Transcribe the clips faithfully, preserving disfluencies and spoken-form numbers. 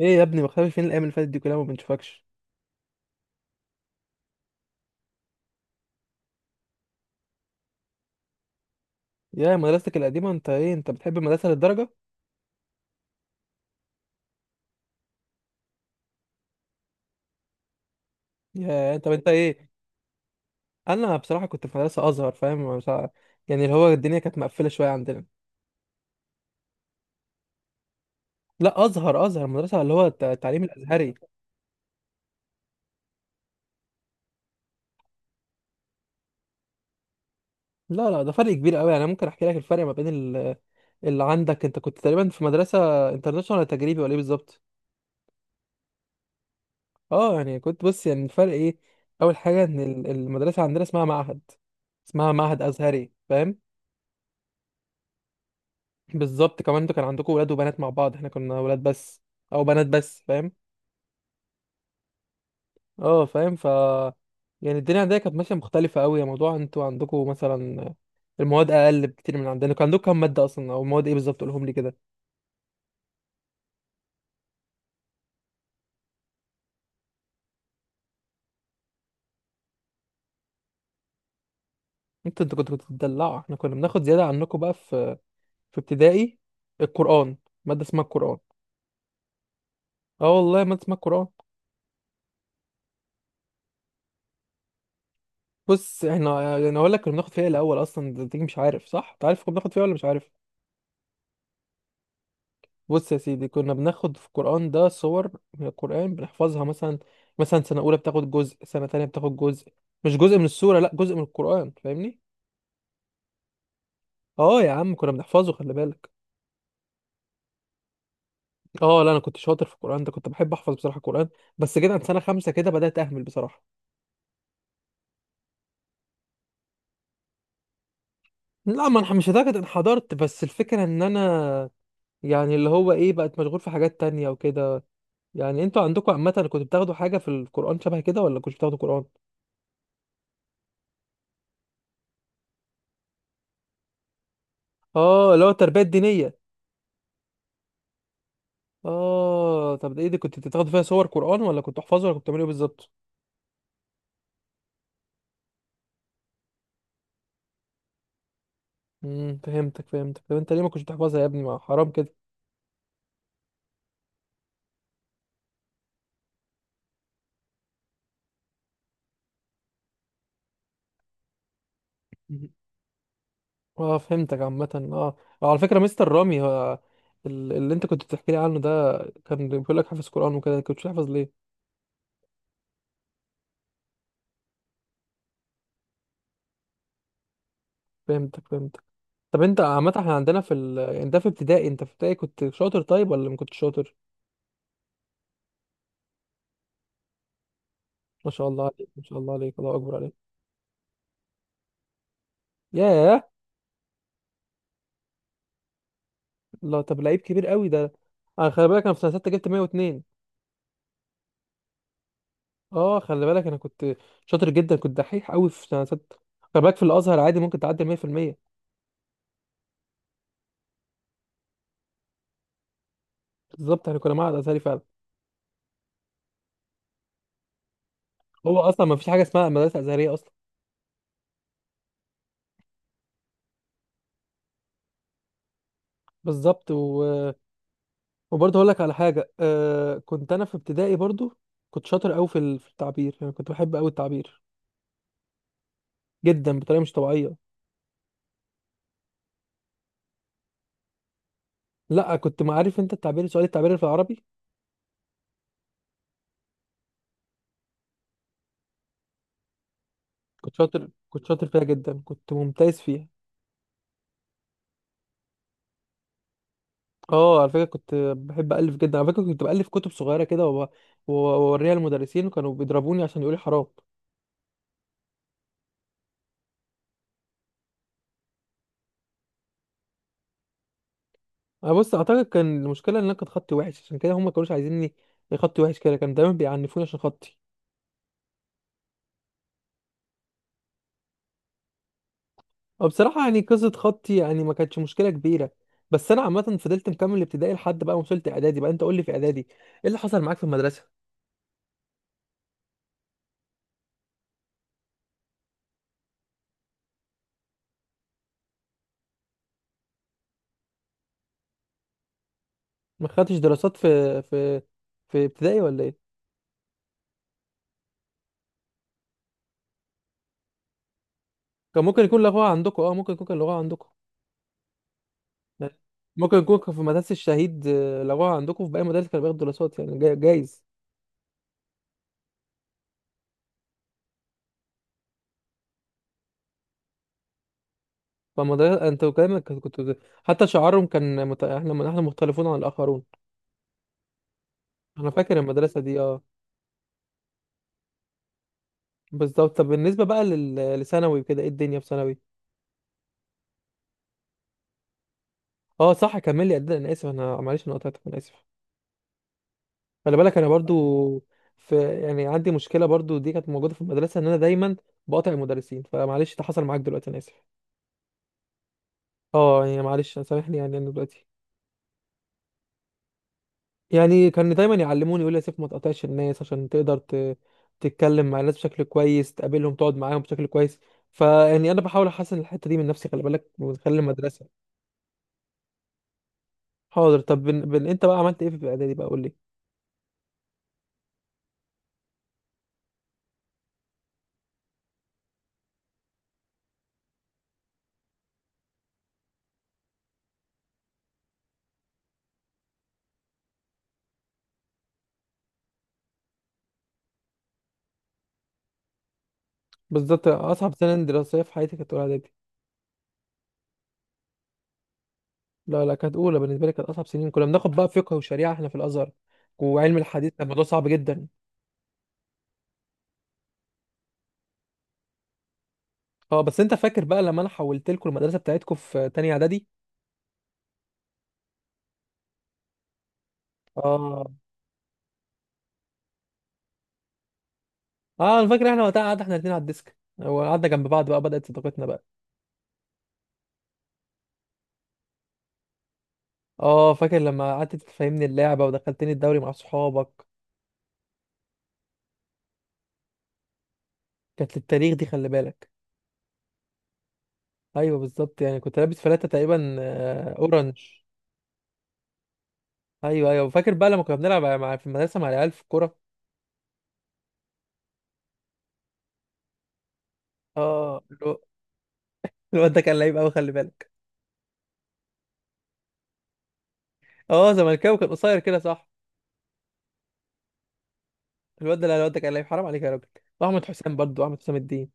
ايه يا ابني، مختفي فين الايام اللي فاتت دي كلها؟ ما بنشوفكش. يا مدرستك القديمه، انت ايه؟ انت بتحب المدرسه للدرجه؟ يا طب انت ايه؟ انا بصراحه كنت في مدرسه ازهر، فاهم؟ مش ع- يعني اللي هو الدنيا كانت مقفله شويه عندنا. لا، ازهر ازهر مدرسه، اللي هو الت- التعليم الازهري. لا لا، ده فرق كبير قوي. انا ممكن احكي لك الفرق ما بين ال- اللي عندك. انت كنت تقريبا في مدرسه انترناشونال ولا تجريبي ولا ايه بالظبط؟ اه، يعني كنت بص، يعني الفرق ايه. اول حاجه ان ال- المدرسه عندنا اسمها معهد. اسمها معهد ازهري، فاهم؟ بالظبط. كمان انتوا كان عندكم ولاد وبنات مع بعض، احنا كنا ولاد بس او بنات بس، فاهم؟ اه، فاهم. ف يعني الدنيا عندنا كانت ماشيه مختلفه قوي يا موضوع. انتوا عندكم مثلا المواد اقل بكتير من عندنا. كان عندكم كام ماده اصلا او مواد ايه بالظبط؟ قولهم لي كده. انتوا انتوا كنتوا بتدلعوا، احنا كنا بناخد زياده عنكم بقى في في ابتدائي. القران، ماده اسمها القران. اه والله، ماده اسمها القران. بص احنا يعني اقول لك كنا بناخد فيها إيه الاول اصلا. انت مش عارف صح؟ انت عارف كنا بناخد فيها ولا مش عارف؟ بص يا سيدي، كنا بناخد في القرآن ده صور من القرآن بنحفظها مثلا. مثلا سنة أولى بتاخد جزء، سنة تانية بتاخد جزء. مش جزء من السورة، لا، جزء من القرآن، فاهمني؟ اه يا عم، كنا بنحفظه، خلي بالك. اه لا، انا كنت شاطر في القرآن ده. كنت بحب احفظ بصراحة القرآن. بس جيت عند سنة خمسة كده بدأت اهمل بصراحة. لا، ما انا مش لدرجة انحدرت، بس الفكرة ان انا يعني اللي هو ايه، بقت مشغول في حاجات تانية وكده. يعني انتوا عندكم عامة كنتوا بتاخدوا حاجة في القرآن شبه كده، ولا كنتوا بتاخدوا قرآن؟ اه، اللي هو التربية الدينية. اه طب ده ايه، دي كنت بتاخد فيها صور قرآن ولا كنت تحفظها ولا كنت بتعمل ايه بالظبط؟ امم فهمتك فهمتك. طب انت ليه ما كنتش بتحفظها يا ابني؟ ما حرام كده. مهم. اه فهمتك، عامة. اه آه، على فكرة، مستر رامي، آه، ال- اللي انت كنت بتحكي لي عنه ده، كان بيقول لك حافظ قرآن وكده، كنت تحفظ ليه؟ فهمتك فهمتك. طب انت عامة، احنا عندنا في ال... يعني ده في ابتدائي. انت في ابتدائي كنت شاطر طيب ولا ما كنتش شاطر؟ ما شاء الله عليك، ما شاء الله عليك، الله اكبر عليك. ياه! لا طب لعيب كبير قوي ده. انا خلي بالك انا في سنة ستة جبت مئة واثنين. اه خلي بالك، انا كنت شاطر جدا، كنت دحيح قوي في سنه سته. خلي بالك في الازهر عادي ممكن تعدي مية في المية. بالظبط، احنا كنا معهد ازهري فعلا. هو اصلا ما فيش حاجه اسمها مدرسه ازهريه اصلا. بالظبط و... وبرضه هقول لك على حاجه. آه كنت انا في ابتدائي برضه كنت شاطر قوي في ال- في التعبير، يعني كنت بحب قوي التعبير جدا، بطريقه مش طبيعيه. لا، كنت ما عارف انت التعبير، سؤال التعبير في العربي. كنت شاطر، كنت شاطر فيها جدا، كنت ممتاز فيها. اه على فكره، كنت بحب الف جدا. على فكره كنت بالف كتب صغيره كده وب- واوريها للمدرسين، وكانوا بيضربوني عشان يقولوا لي حرام. انا بص اعتقد كان المشكله ان انا كان خطي وحش، عشان كده هم ما كانوش عايزيني. خطي وحش كده، كانوا دايما بيعنفوني عشان خطي. وبصراحه يعني قصه خطي يعني ما كانتش مشكله كبيره. بس انا عامه فضلت مكمل ابتدائي لحد بقى ما وصلت اعدادي بقى. انت قول لي في اعدادي ايه اللي حصل معاك في المدرسه. ما خدتش دراسات في في في ابتدائي ولا ايه؟ كان ممكن يكون لغوها عندكم. اه ممكن يكون كان لغوها عندكم. ممكن يكون في مدرسة الشهيد، آه، لغوها عندكم، في باقي المدارس كانوا بياخدوا دراسات يعني، جا- جايز. فالمدرسة انت كلامك، كنت كنت- حتى شعارهم كان مت... احنا احنا مختلفون عن الآخرون. انا فاكر المدرسة دي، اه. بالظبط. طب بالنسبة بقى لل... لثانوي وكده، ايه الدنيا في ثانوي؟ اه صح، كمل لي. قد انا اسف، انا معلش انا قطعتك، انا اسف. خلي بالك انا برضو في، يعني عندي مشكلة برضو، دي كانت موجودة في المدرسة، ان انا دايما بقاطع المدرسين. فمعلش ده حصل معاك دلوقتي، انا اسف. اه يعني معلش سامحني، يعني انا دلوقتي. يعني كان دايما يعلموني، يقول لي يا سيف ما تقاطعش الناس عشان تقدر ت... تتكلم مع الناس بشكل كويس، تقابلهم، تقعد معاهم بشكل كويس. فيعني انا بحاول احسن الحته دي من نفسي، خلي بالك، من خلال المدرسه. حاضر. طب بن... بن... انت بقى عملت ايه في اعدادي بقى؟ قول لي. بالظبط، اصعب سنه دراسيه في حياتي كانت اولى اعدادي. لا لا، كانت اولى بالنسبه لي، كانت اصعب سنين. كنا بناخد بقى فقه وشريعه احنا في الازهر، وعلم الحديث، كان الموضوع صعب جدا. اه، بس انت فاكر بقى لما انا حولت لكم المدرسه بتاعتكم في تانية اعدادي؟ اه اه، انا فاكر، احنا وقتها قعدنا احنا الاثنين على الديسك، وقعدنا جنب بعض بقى، بدأت صداقتنا بقى. اه فاكر لما قعدت تفهمني اللعبة ودخلتني الدوري مع صحابك. كانت للتاريخ دي، خلي بالك. ايوه بالظبط، يعني كنت لابس فلاتة تقريبا، آه، اورنج. ايوه ايوه، فاكر بقى لما كنا بنلعب مع في المدرسة مع العيال في الكورة. اه الو- الواد ده كان لعيب قوي، خلي بالك. اه زملكاوي، كان قصير كده صح. الواد ده، لا، الواد ده كان لعيب، حرام عليك يا راجل. واحمد حسام برضو، احمد حسام الدين.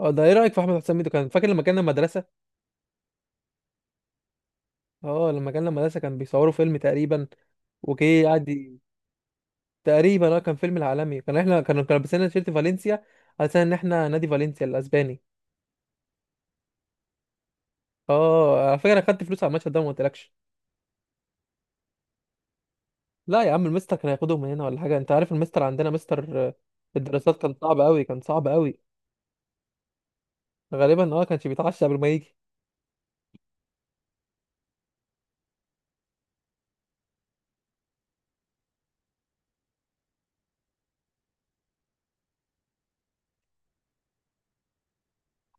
اه ده، ايه رأيك في احمد حسام الدين؟ كان فاكر لما كان المدرسة. اه لما كان المدرسة كان بيصوروا فيلم تقريبا، وجه قعد ي- تقريبا اه كان فيلم العالمي. كان احنا كانوا كانوا لابسين تيشيرت فالنسيا، على اساس ان احنا نادي فالنسيا الاسباني. اه، على فكرة انا خدت فلوس على المشهد ده وما قلتلكش. لا يا عم، المستر كان هياخدهم من هنا ولا حاجة. انت عارف المستر عندنا، مستر آه، الدراسات، كان صعب قوي، كان صعب قوي. غالبا اه كانش بيتعشى قبل ما يجي.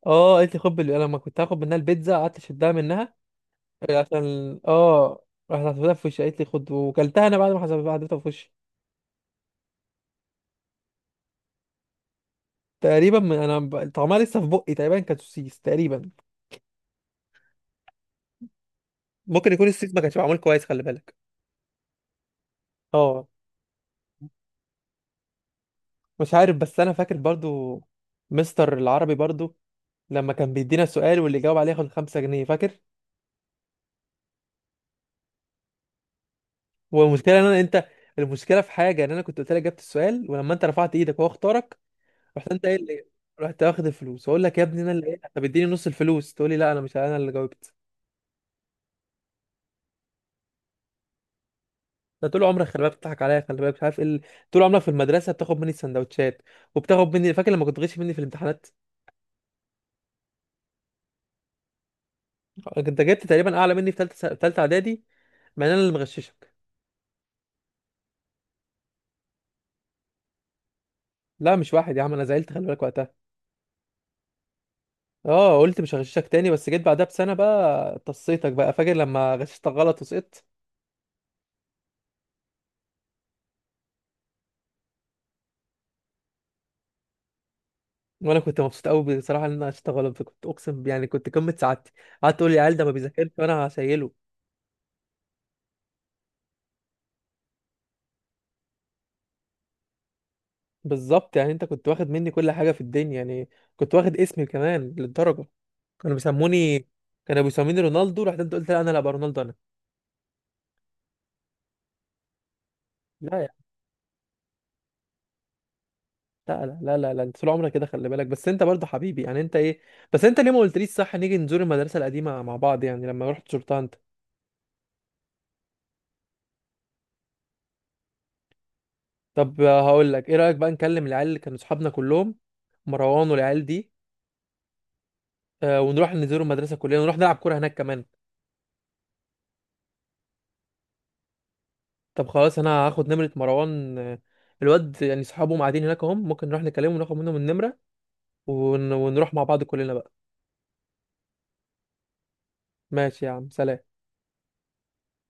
اه قالت لي خد، بال- انا لما كنت هاخد منها البيتزا قعدت اشدها منها. آه، عشان اه راحت حسبتها في وشي، قالت لي خد، وكلتها انا بعد ما حسبتها في وشي. تقريبا من انا ب- طعمها لسه في بقي، تقريبا كانت سوسيس تقريبا. ممكن يكون السيس ما كانش معمول كويس، خلي بالك. اه مش عارف، بس انا فاكر برضو، مستر العربي برضو، لما كان بيدينا سؤال واللي يجاوب عليه ياخد خمسة جنيه، فاكر؟ والمشكله ان انا، انت المشكله في حاجه ان انا كنت قلت لك جبت السؤال، ولما انت رفعت ايدك وهو اختارك، رحت انت ايه اللي رحت واخد الفلوس، اقول لك يا ابني انا اللي ايه، طب اديني نص الفلوس، تقول لي لا، انا مش انا اللي جاوبت. ده طول عمرك خلي بالك بتضحك عليا، خلي بالك مش عارف ايه ال- طول عمرك في المدرسه بتاخد مني السندوتشات، وبتاخد مني، فاكر لما كنت تغش مني في الامتحانات؟ آه، انت جبت تقريبا اعلى مني في ثالثه س... ثالثه اعدادي، مع ان انا اللي مغششك. لا مش واحد يا عم، انا زعلت خلي بالك وقتها. اه قلت مش هغششك تاني، بس جيت بعدها بسنه بقى طصيتك بقى، فاكر لما غششتك غلط وسقطت؟ وانا كنت مبسوط قوي بصراحه ان انا غششتك غلط. كنت اقسم يعني كنت قمه سعادتي. قعدت تقول لي العيال ده ما بيذاكرش وانا هشيله. بالظبط، يعني انت كنت واخد مني كل حاجه في الدنيا يعني. كنت واخد اسمي كمان للدرجه. كانوا بيسموني كانوا بيسموني رونالدو. رحت انت قلت لا، انا لا ابقى رونالدو انا. لا يا لا لا لا لا, لا. انت طول عمرك كده، خلي بالك، بس انت برضه حبيبي. يعني انت ايه؟ بس انت ليه ما قلتليش صح نيجي نزور المدرسه القديمه مع بعض يعني لما رحت شرطه انت؟ طب آه، هقول لك، ايه رايك بقى نكلم العيال اللي كانوا اصحابنا كلهم، مروان والعيال دي، آه، ونروح نزور المدرسه كلنا ونروح نلعب كوره هناك كمان؟ طب خلاص، انا هاخد نمره مروان، آه، الواد، يعني صحابهم قاعدين هناك اهم، ممكن نروح نكلمهم وناخد منهم النمره، ون- ونروح مع بعض كلنا بقى. ماشي يا عم، سلام.